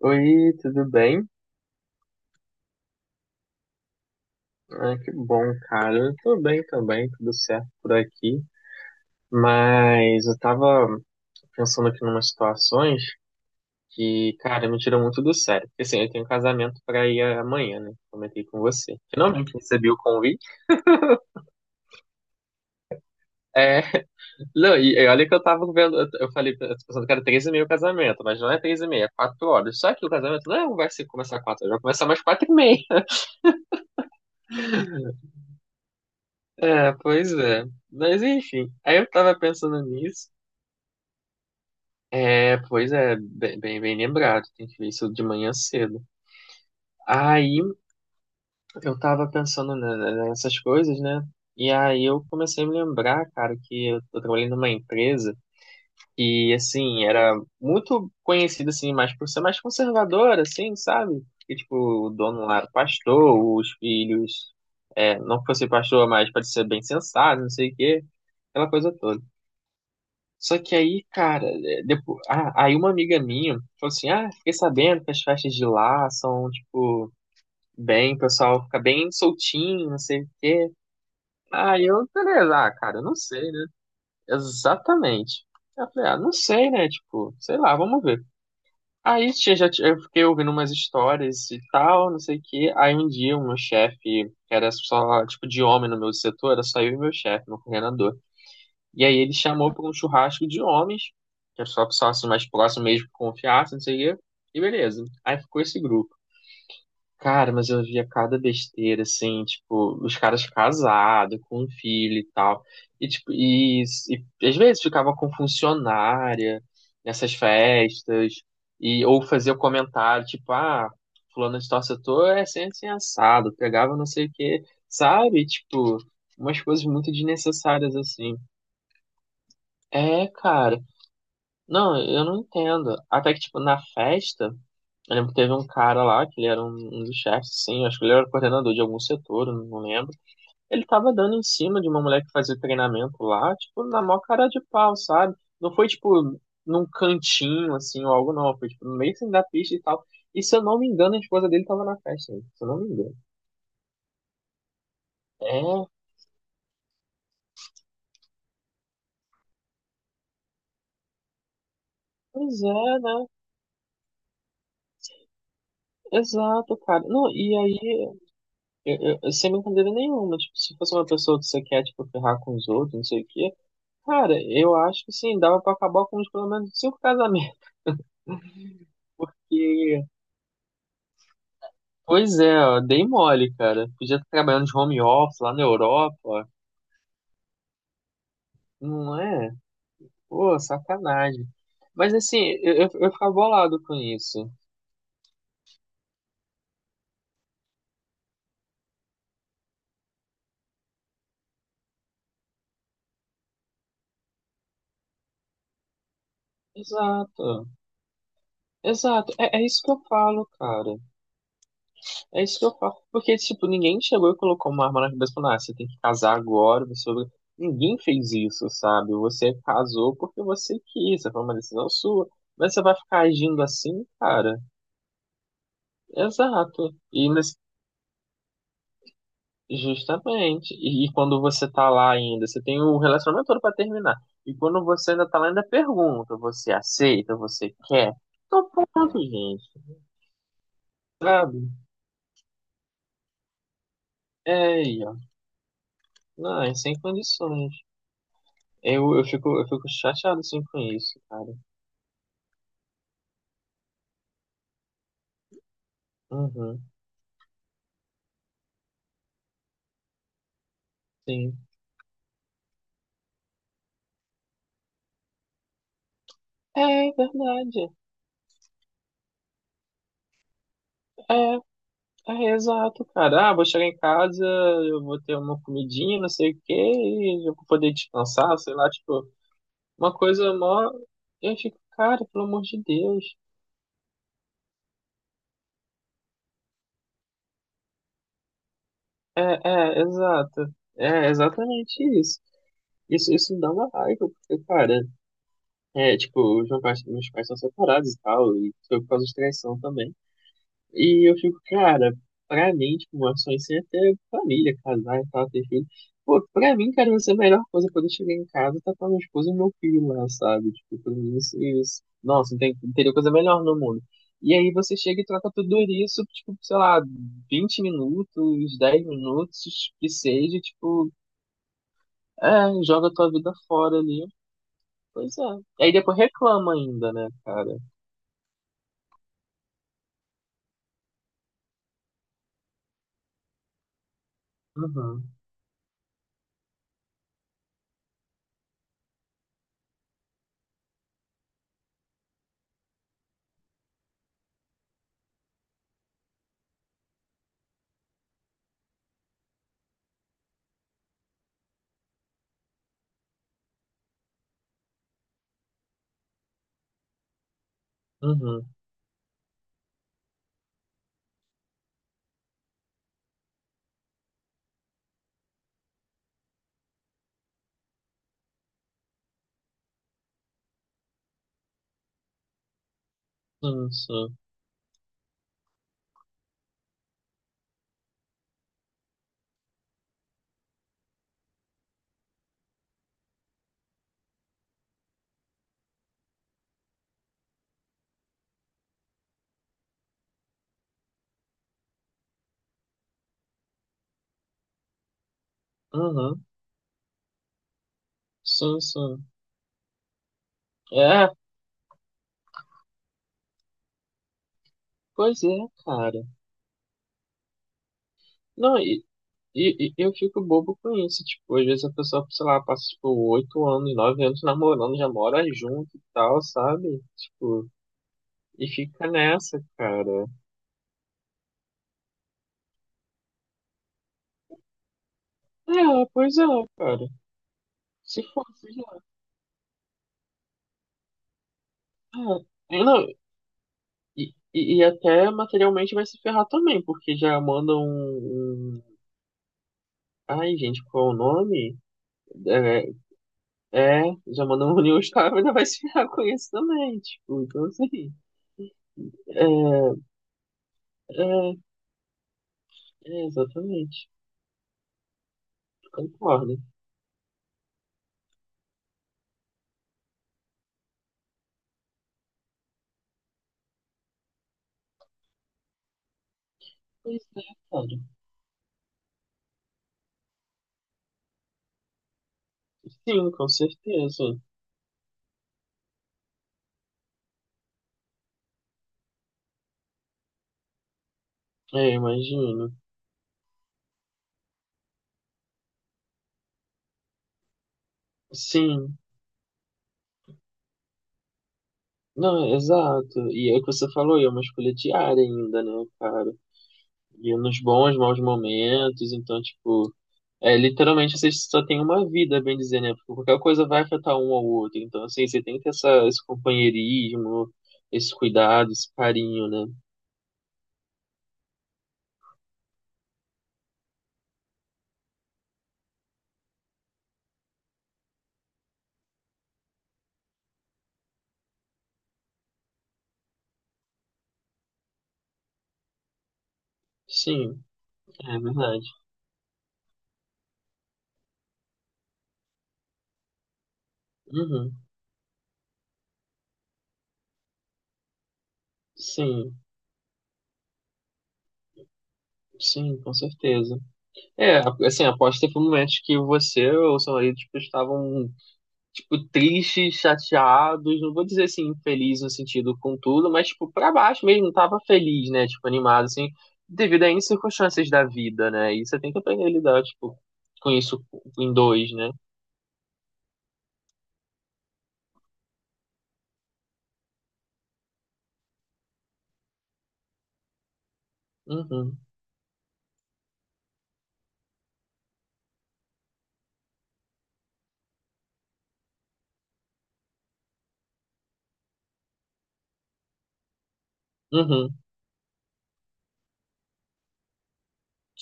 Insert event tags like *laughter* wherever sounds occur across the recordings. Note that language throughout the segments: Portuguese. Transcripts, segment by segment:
Oi, tudo bem? Ah, que bom, cara. Eu tô bem também, tudo certo por aqui. Mas eu tava pensando aqui numas situações que, cara, me tiram muito do sério. Porque assim, eu tenho um casamento pra ir amanhã, né? Comentei com você. Finalmente recebi o convite. É, *laughs* não, e olha que eu tava vendo, eu falei, eu tô pensando que era três e meia o casamento, mas não é três e meia, é quatro horas. Só que o casamento não é um vai se começar quatro horas, vai começar mais quatro e meia. É, pois é. Mas enfim, aí eu tava pensando nisso. É, pois é, bem lembrado, tem que ver isso de manhã cedo. Aí eu tava pensando nessas coisas, né? E aí eu comecei a me lembrar, cara, que eu trabalhei numa empresa que, assim, era muito conhecida, assim, mais por ser mais conservadora, assim, sabe? Que, tipo, o dono lá era pastor, os filhos, é, não que fosse pastor, mas parecia bem sensato, não sei o quê, aquela coisa toda. Só que aí, cara, é, depois, ah, aí uma amiga minha falou assim: Ah, fiquei sabendo que as festas de lá são, tipo, bem, o pessoal fica bem soltinho, não sei o quê. Aí eu, beleza, ah, cara, eu não sei, né? Exatamente. Eu falei: Ah, não sei, né? Tipo, sei lá, vamos ver. Aí tinha- já, tinha- Eu fiquei ouvindo umas histórias e tal, não sei o quê. Aí um dia, o meu chefe, que era só, tipo, de homem no meu setor, era só eu e meu chefe, meu coordenador. E aí ele chamou para um churrasco de homens, que é só para sócios mais próximos mesmo que confiassem, não sei o quê. E beleza. Aí ficou esse grupo. Cara, mas eu via cada besteira, assim, tipo, os caras casados, com um filho e tal. E, tipo, às vezes ficava com funcionária nessas festas, e, ou fazia comentário, tipo, ah, fulano de tal setor é sempre assim, assado, pegava não sei o quê, sabe? Tipo, umas coisas muito desnecessárias, assim. É, cara. Não, eu não entendo. Até que, tipo, na festa, eu lembro que teve um cara lá, que ele era um dos chefes, assim, acho que ele era coordenador de algum setor, eu não lembro. Ele tava dando em cima de uma mulher que fazia treinamento lá, tipo, na maior cara de pau, sabe? Não foi, tipo, num cantinho, assim, ou algo, não. Foi, tipo, no meio assim, da pista e tal. E se eu não me engano, a esposa dele tava na festa, se eu não me engano. É, pois é, né? Exato, cara. Não, e aí eu, sem brincadeira nenhuma, tipo, se fosse uma pessoa que você quer, tipo, ferrar com os outros, não sei o quê, cara, eu acho que sim, dava pra acabar com uns, pelo menos cinco casamentos, *laughs* porque, pois é, ó, dei mole, cara, podia estar trabalhando de home office lá na Europa, ó. Não é? Pô, sacanagem. Mas assim, eu ficava bolado com isso. Exato, exato, é, é isso que eu falo, cara. É isso que eu falo. Porque, tipo, ninguém chegou e colocou uma arma na cabeça e falou, ah, você tem que casar agora, você... Ninguém fez isso, sabe? Você casou porque você quis, essa foi uma decisão sua. Mas você vai ficar agindo assim, cara? Exato. Justamente. E quando você tá lá ainda, você tem o relacionamento todo pra terminar. E quando você ainda tá lá, ainda pergunta, você aceita, você quer? Então pronto, gente, sabe? É aí, ó. Não, é sem condições. Eu fico chateado assim com isso, cara. Uhum, sim. É verdade. É, é exato, cara. Ah, vou chegar em casa, eu vou ter uma comidinha, não sei o quê, e eu vou poder descansar, sei lá, tipo, uma coisa mó. Eu fico, cara, pelo amor de Deus. É, é, exato. É exatamente isso. Isso dá uma raiva, porque, cara, é, tipo, meus pais são separados e tal, e foi por causa de traição também. E eu fico, cara, pra mim, tipo, uma sonho assim é ter família, casar e tal, ter filho. Pô, pra mim, cara, vai ser a melhor coisa quando eu chegar em casa, tá com a minha esposa e meu filho lá, sabe? Tipo, pra mim, isso, isso. Nossa, não, tem, não teria coisa melhor no mundo. E aí você chega e troca tudo isso, tipo, sei lá, 20 minutos, 10 minutos, que seja, tipo, é, joga tua vida fora ali. Pois é. Aí depois reclama ainda, né, cara? Uhum, uhum, sim, sim. Uhum, sim, sim. É, pois é, cara. Não, e eu fico bobo com isso. Tipo, às vezes a pessoa, sei lá, passa, tipo, oito anos, nove anos namorando, já mora junto e tal, sabe? Tipo, e fica nessa, cara. É, pois é, cara. Se fosse já. É. É, não, e até materialmente vai se ferrar também, porque já manda um. Um- ai, gente, qual é o nome? É, é, já manda um *laughs* New Star, ainda vai se ferrar com isso também, tipo, então assim. É, é, É, exatamente. Concordo. Pois é, cara. Sim, com certeza. É, imagino. Sim. Não, exato. E é o que você falou, e é uma escolha diária ainda, né, cara? E nos bons, maus momentos, então, tipo, é, literalmente você só tem uma vida, bem dizer, né? Porque qualquer coisa vai afetar um ao outro. Então, assim, você tem que ter esse companheirismo, esse cuidado, esse carinho, né? Sim, é verdade. Uhum. Sim, sim, com certeza. É, assim, após teve um momento que você ou seu marido, tipo, estavam, tipo, tristes, chateados, não vou dizer, assim, feliz no sentido com tudo, mas, tipo, pra baixo mesmo, tava feliz, né, tipo, animado, assim, devido a N circunstâncias da vida, né, e você tem que aprender a lidar, tipo, com isso em dois, né. Uhum, uhum.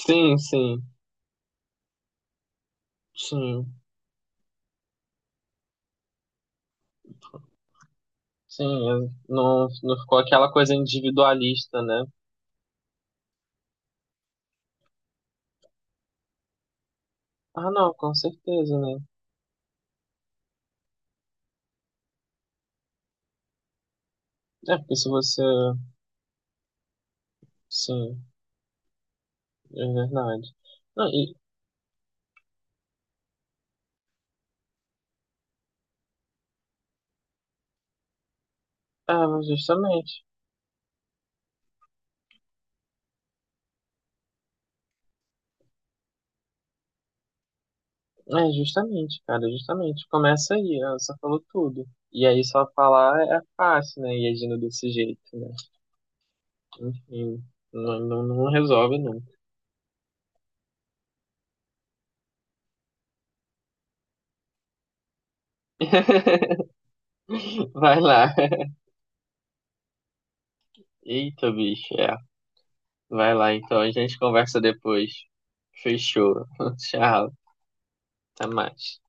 Sim, sim, sim, sim, não, não ficou aquela coisa individualista, né. Ah, não, com certeza, né. É, porque se você, sim. É verdade. Não, e, ah, mas justamente. É, justamente, cara, justamente. Começa aí, ela só falou tudo. E aí só falar é fácil, né? E agindo desse jeito, né? Enfim, não, não resolve nunca. *laughs* Vai lá. Eita, bicho, é. Vai lá, então. A gente conversa depois. Fechou. *laughs* Tchau. Até mais.